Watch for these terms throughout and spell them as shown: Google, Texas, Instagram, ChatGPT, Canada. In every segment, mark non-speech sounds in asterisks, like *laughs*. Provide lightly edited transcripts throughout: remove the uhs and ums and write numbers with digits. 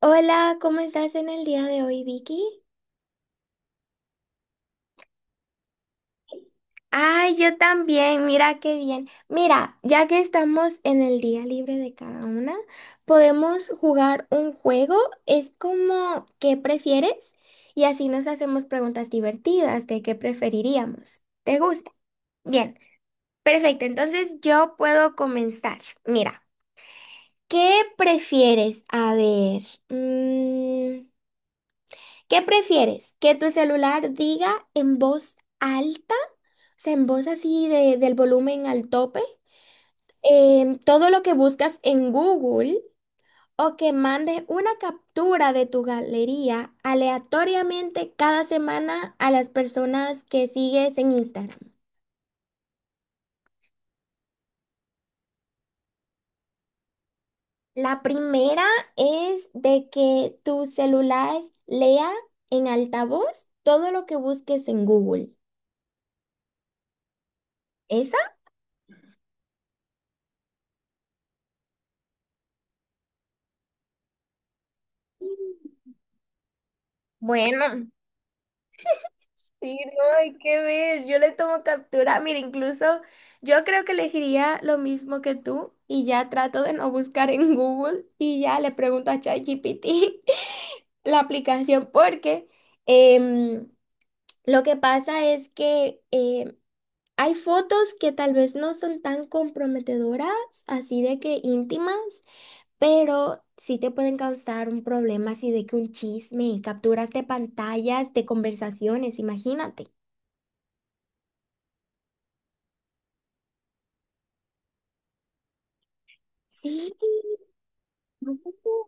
Hola, ¿cómo estás en el día de hoy, Vicky? Ay, yo también, mira qué bien. Mira, ya que estamos en el día libre de cada una, podemos jugar un juego. Es como, ¿qué prefieres? Y así nos hacemos preguntas divertidas de qué preferiríamos. ¿Te gusta? Bien, perfecto. Entonces yo puedo comenzar. Mira, ¿qué prefieres? A ver, mm, ¿qué prefieres? ¿Que tu celular diga en voz alta, se en voz así del volumen al tope, todo lo que buscas en Google, o que mandes una captura de tu galería aleatoriamente cada semana a las personas que sigues en Instagram? La primera es de que tu celular lea en altavoz todo lo que busques en Google. ¿Esa? Bueno. Sí, no hay que ver, yo le tomo captura. Mira, incluso yo creo que elegiría lo mismo que tú, y ya trato de no buscar en Google y ya le pregunto a ChatGPT *laughs* la aplicación, porque em, lo que pasa es que hay fotos que tal vez no son tan comprometedoras, así de que íntimas, pero sí te pueden causar un problema, así de que un chisme, capturas de pantallas, de conversaciones, imagínate. Sí, *laughs*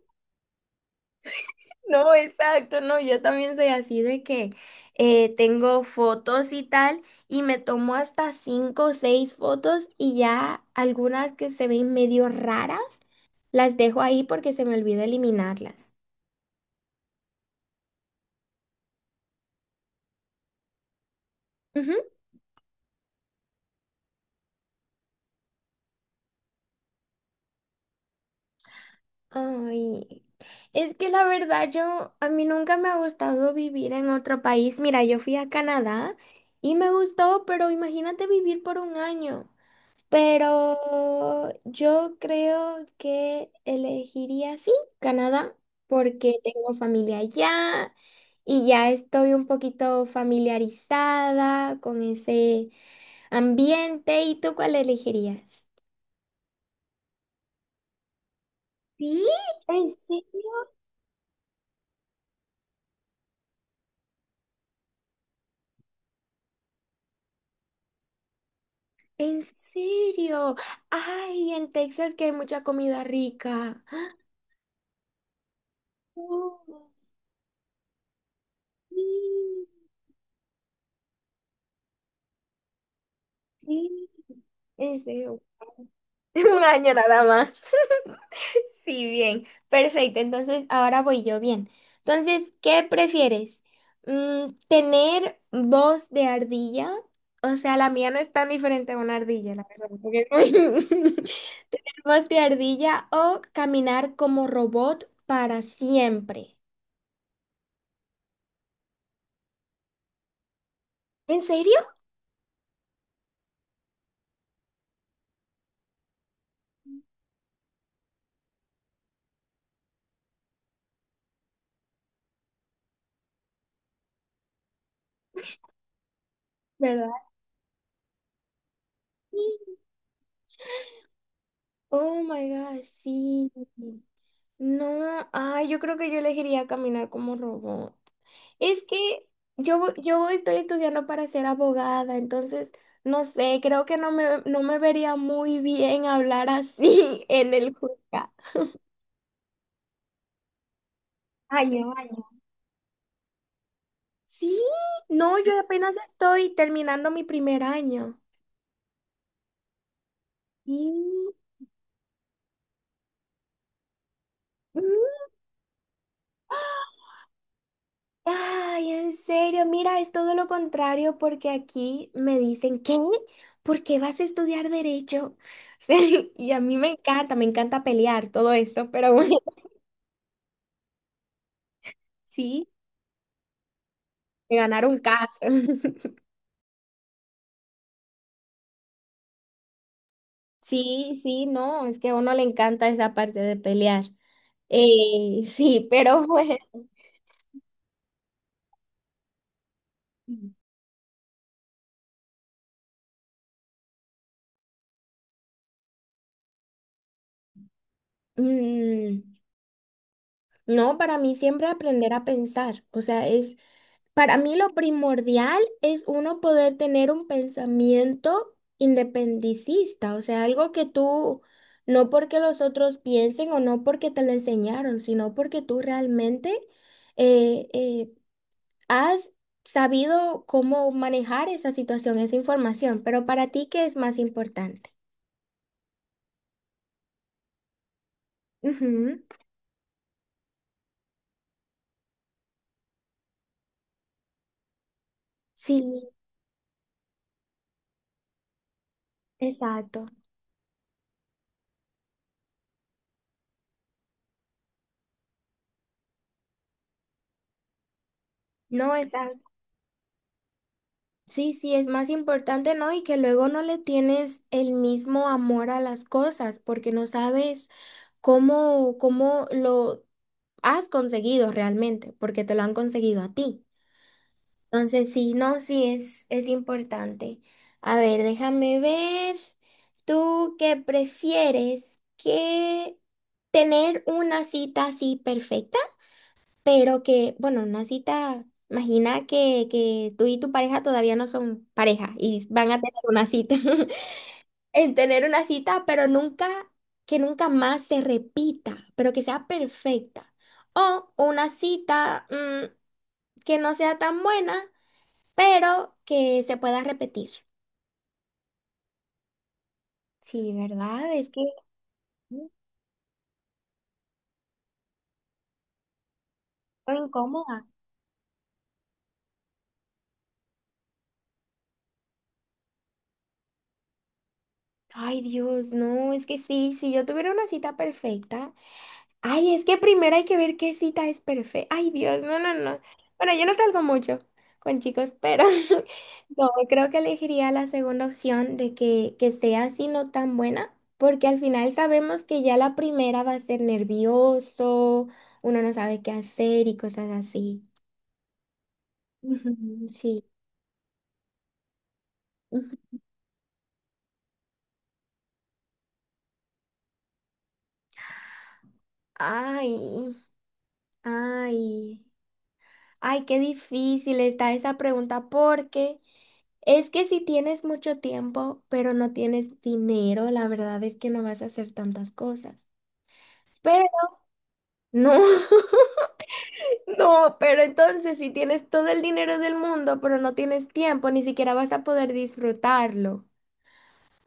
no, exacto, no, yo también soy así de que tengo fotos y tal, y me tomo hasta cinco o seis fotos, y ya algunas que se ven medio raras, las dejo ahí porque se me olvida eliminarlas. Ujú. Ay, es que la verdad yo, a mí nunca me ha gustado vivir en otro país. Mira, yo fui a Canadá y me gustó, pero imagínate vivir por un año. Pero yo creo que elegiría, sí, Canadá, porque tengo familia allá y ya estoy un poquito familiarizada con ese ambiente. ¿Y tú cuál elegirías? Sí, ¿en serio? ¿En serio? Ay, en Texas que hay mucha comida rica. Oh, sí, sí. En serio. *laughs* Un año nada más. Sí, bien. Perfecto. Entonces, ahora voy yo, bien. Entonces, ¿qué prefieres? ¿Tener voz de ardilla? O sea, la mía no es tan diferente a una ardilla, la verdad, porque es *laughs* ¿voz de ardilla o caminar como robot para siempre? ¿En serio? ¿Verdad? Sí. Oh my God, sí. No, ay, yo creo que yo elegiría caminar como robot. Es que yo estoy estudiando para ser abogada, entonces, no sé, creo que no me vería muy bien hablar así *laughs* en el juzgado. Año, año. Sí, no, yo apenas estoy terminando mi primer año. Sí. Ay, en serio, mira, es todo lo contrario, porque aquí me dicen, ¿qué? ¿Por qué vas a estudiar derecho? *laughs* Sí, y a mí me encanta pelear todo esto, pero bueno, *laughs* sí, de ganar un caso. *laughs* Sí, sí, no, es que a uno le encanta esa parte de pelear. Sí, pero *laughs* bueno. mm, No, para mí siempre aprender a pensar, o sea, es, para mí lo primordial es uno poder tener un pensamiento independicista, o sea, algo que tú, no porque los otros piensen o no porque te lo enseñaron, sino porque tú realmente eh, eh, has sabido cómo manejar esa situación, esa información. Pero para ti, ¿qué es más importante? Ujú, sí, exacto. No, es sí, sí, es más importante, ¿no? Y que luego no le tienes el mismo amor a las cosas porque no sabes cómo, cómo lo has conseguido realmente, porque te lo han conseguido a ti. Entonces, sí, no, sí, es importante. A ver, déjame ver. ¿Tú qué prefieres? ¿Que tener una cita así perfecta? Pero que, bueno, una cita, imagina que tú y tu pareja todavía no son pareja y van a tener una cita, *laughs* en tener una cita, pero nunca, que nunca más se repita, pero que sea perfecta. O una cita, que no sea tan buena, pero que se pueda repetir. Sí, ¿verdad? Es que mm, estoy incómoda. Ay, Dios, no, es que sí, si yo tuviera una cita perfecta. Ay, es que primero hay que ver qué cita es perfecta. Ay, Dios, no, no, no. Bueno, yo no salgo mucho con chicos, pero *laughs* no, creo que elegiría la segunda opción, de que sea así no tan buena, porque al final sabemos que ya la primera va a ser nervioso, uno no sabe qué hacer y cosas así. Ujú, sí. Ujú. Ay, ay, ay, qué difícil está esa pregunta, porque... Es que si tienes mucho tiempo, pero no tienes dinero, la verdad es que no vas a hacer tantas cosas. Pero no, *laughs* no, pero entonces si tienes todo el dinero del mundo, pero no tienes tiempo, ni siquiera vas a poder disfrutarlo.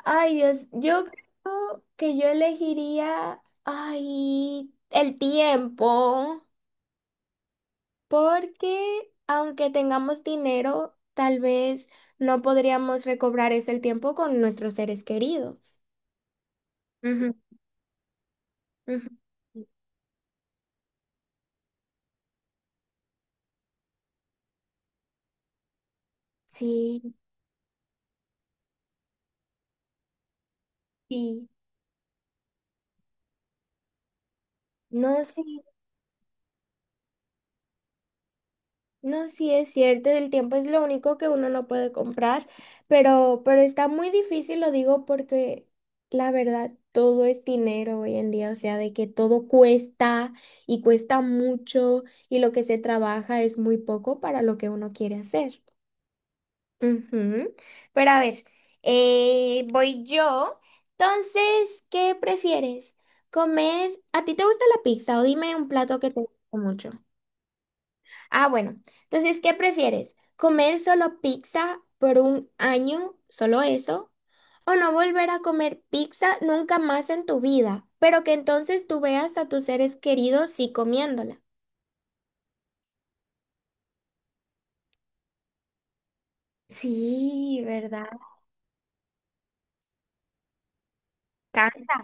Ay, Dios, yo creo que yo elegiría, ay, el tiempo, porque aunque tengamos dinero, tal vez no podríamos recobrar ese tiempo con nuestros seres queridos. Ujú. Sí, sí. No, sí, no, sí es cierto, el tiempo es lo único que uno no puede comprar, pero está muy difícil, lo digo porque la verdad todo es dinero hoy en día, o sea, de que todo cuesta y cuesta mucho, y lo que se trabaja es muy poco para lo que uno quiere hacer. Ujú. Pero a ver, voy yo. Entonces, ¿qué prefieres? ¿Comer? ¿A ti te gusta la pizza, o dime un plato que te guste mucho? Ah, bueno. Entonces, ¿qué prefieres? ¿Comer solo pizza por un año, solo eso? ¿O no volver a comer pizza nunca más en tu vida, pero que entonces tú veas a tus seres queridos sí comiéndola? Sí, ¿verdad? Cansa.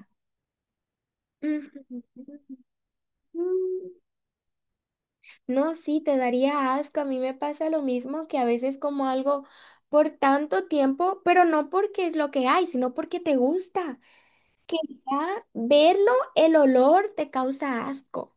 Ujú. No, sí, te daría asco. A mí me pasa lo mismo, que a veces como algo por tanto tiempo, pero no porque es lo que hay, sino porque te gusta. Ya verlo, el olor te causa asco.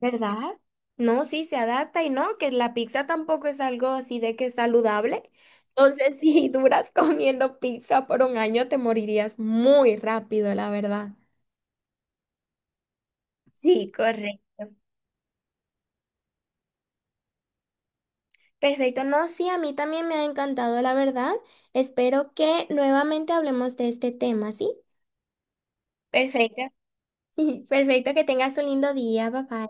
¿Verdad? No, sí, se adapta. Y no, que la pizza tampoco es algo así de que es saludable. Entonces, *laughs* si duras comiendo pizza por un año, te morirías muy rápido, la verdad. Sí, correcto. Perfecto, no, sí, a mí también me ha encantado, la verdad. Espero que nuevamente hablemos de este tema, ¿sí? Perfecto. *laughs* Perfecto, que tengas un lindo día, papá.